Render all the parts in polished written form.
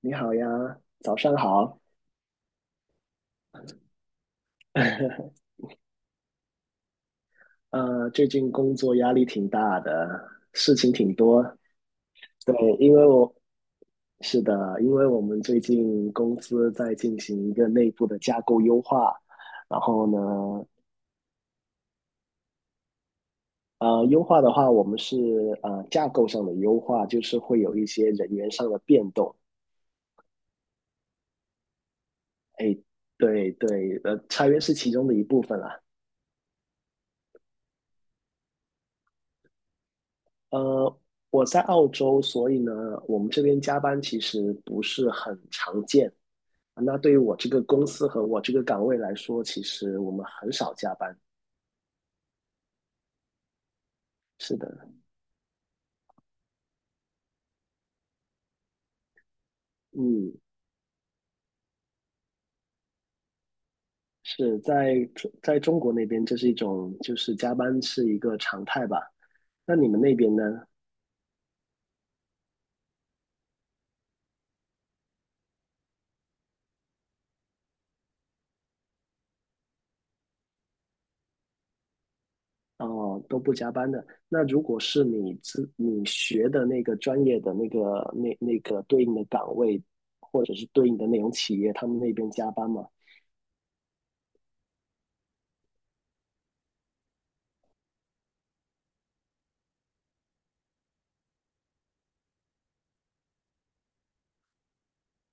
你好呀，早上好。最近工作压力挺大的，事情挺多。对，因为我是的，因为我们最近公司在进行一个内部的架构优化。然后呢，呃，优化的话，我们是呃架构上的优化，就是会有一些人员上的变动。哎，对对，裁员是其中的一部分啦。呃，我在澳洲，所以呢，我们这边加班其实不是很常见。那对于我这个公司和我这个岗位来说，其实我们很少加班。是的。嗯，是在在中国那边，这是一种就是加班是一个常态吧？那你们那边呢？哦，都不加班的。那如果是你学的那个专业的那个对应的岗位，或者是对应的那种企业，他们那边加班吗？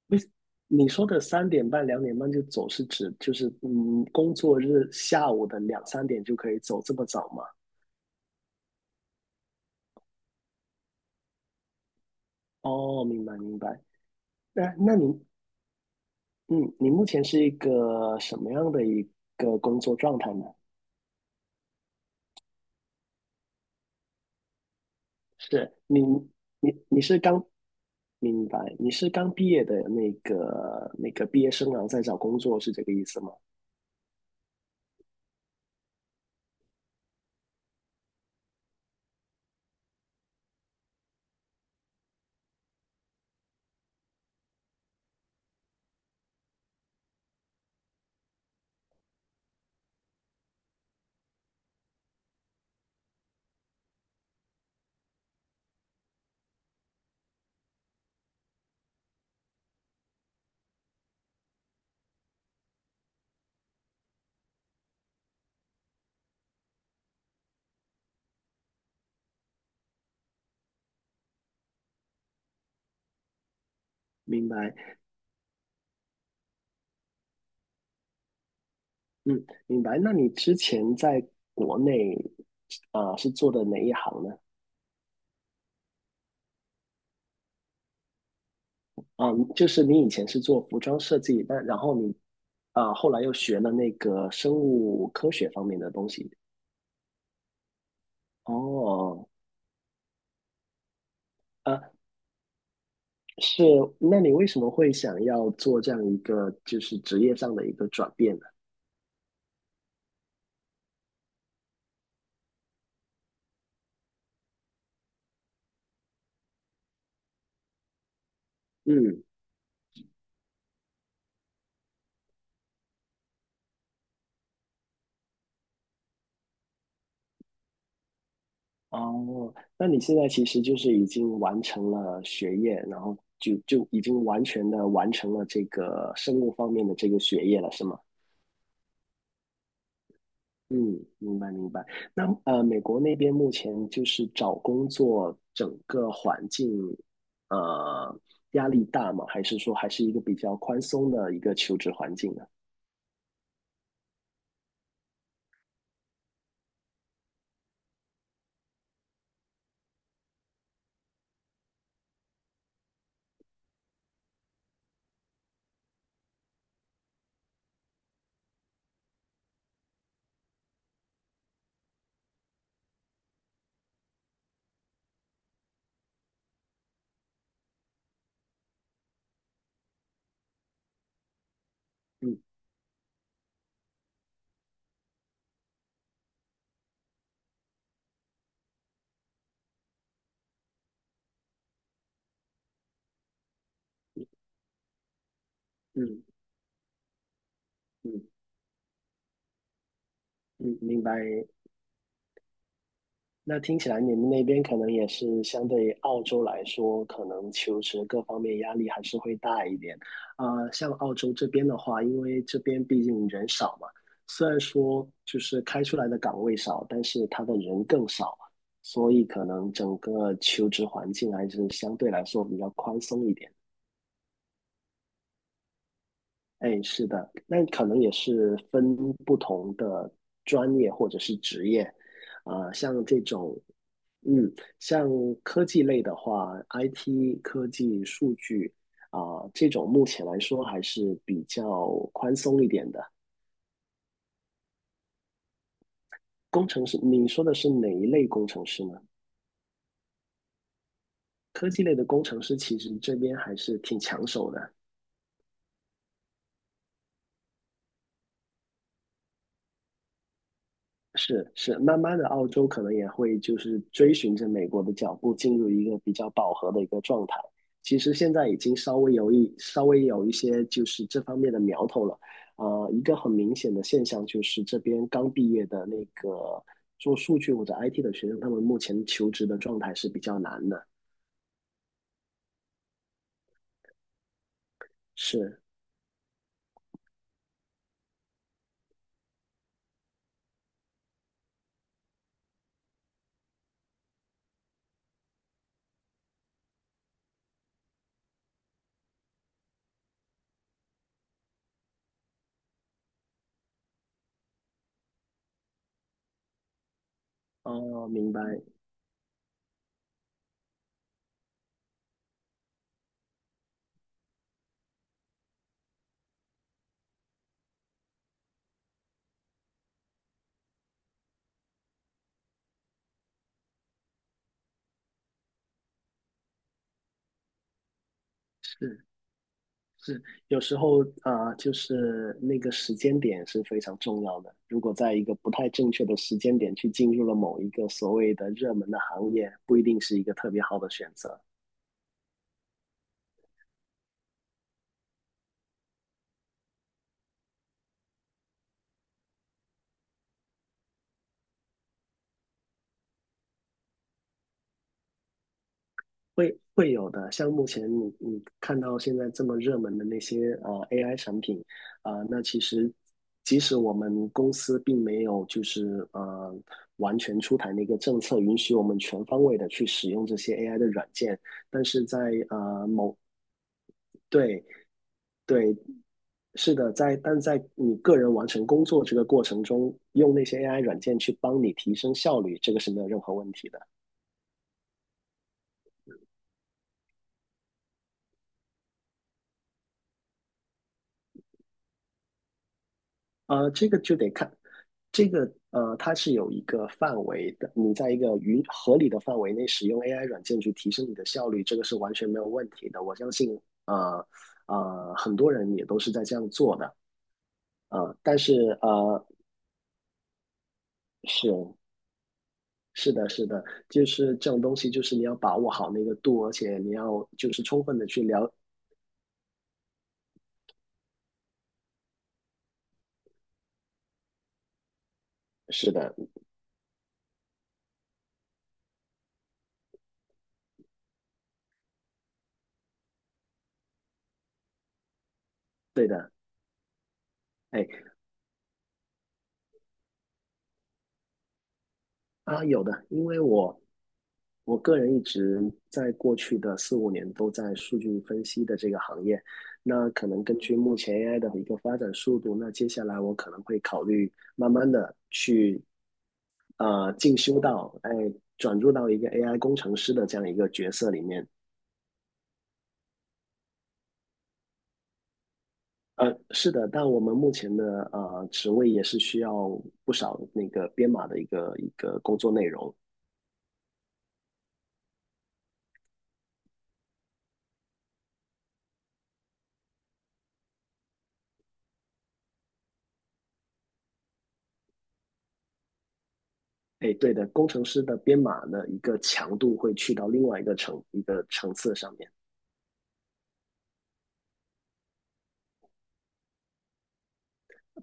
你你说的3:30、2:30就走，是指就是工作日下午的两三点就可以走，这么早吗？哦，明白明白。那那你嗯，你目前是一个什么样的一个工作状态呢？是你你你是刚明白。你是刚毕业的那个毕业生，然后在找工作，是这个意思吗？明白。嗯，明白。那你之前在国内是做的哪一行呢？嗯，就是你以前是做服装设计，但然后你后来又学了那个生物科学方面的东西。哦。啊，是。那你为什么会想要做这样一个就是职业上的一个转变呢？嗯。哦，那你现在其实就是已经完成了学业，然后就已经完全的完成了这个生物方面的这个学业了，是吗？嗯，明白明白。那美国那边目前就是找工作整个环境，呃，压力大吗？还是说还是一个比较宽松的一个求职环境呢？嗯。嗯。嗯。嗯，明白。那听起来你们那边可能也是相对于澳洲来说，可能求职各方面压力还是会大一点。啊，像澳洲这边的话，因为这边毕竟人少嘛，虽然说就是开出来的岗位少，但是他的人更少，所以可能整个求职环境还是相对来说比较宽松一点。哎，是的，那可能也是分不同的专业或者是职业，啊、像这种，嗯，像科技类的话，IT 科技数据啊、这种目前来说还是比较宽松一点的。工程师，你说的是哪一类工程师呢？科技类的工程师其实这边还是挺抢手的。是是，慢慢的，澳洲可能也会就是追寻着美国的脚步，进入一个比较饱和的一个状态。其实现在已经稍微有一些就是这方面的苗头了。一个很明显的现象就是这边刚毕业的那个做数据或者 IT 的学生，他们目前求职的状态是比较难的。是。哦，明白。是。是，有时候啊、就是那个时间点是非常重要的。如果在一个不太正确的时间点去进入了某一个所谓的热门的行业，不一定是一个特别好的选择。会有的，像目前你看到现在这么热门的那些AI 产品，啊、那其实即使我们公司并没有就是完全出台那个政策，允许我们全方位的去使用这些 AI 的软件，但是在呃某对。对，是的，但在你个人完成工作这个过程中，用那些 AI 软件去帮你提升效率，这个是没有任何问题的。这个就得看，这个它是有一个范围的，你在一个允合理的范围内使用 AI 软件去提升你的效率，这个是完全没有问题的。我相信，呃很多人也都是在这样做的。但是呃，是是的，是的，就是这种东西，就是你要把握好那个度，而且你要就是充分的去了。是的，对的，哎，啊，有的，因为我个人一直在过去的四五年都在数据分析的这个行业，那可能根据目前 AI 的一个发展速度，那接下来我可能会考虑慢慢的去进修到，哎，转入到一个 AI 工程师的这样一个角色里面。是的，但我们目前的职位也是需要不少那个编码的一个工作内容。哎，对的，工程师的编码的一个强度会去到另外一个层次上面，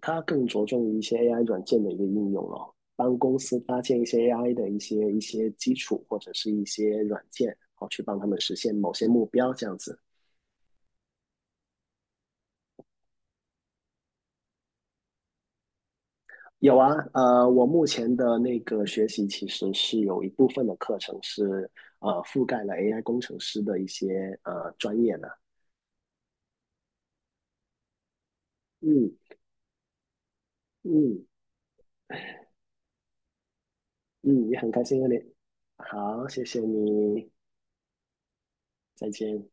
它更着重于一些 AI 软件的一个应用咯，帮公司搭建一些 AI 的一些基础或者是一些软件，好去帮他们实现某些目标这样子。有啊，我目前的那个学习其实是有一部分的课程是覆盖了 AI 工程师的一些专业的，嗯嗯嗯，也很开心和你，好，谢谢你，再见。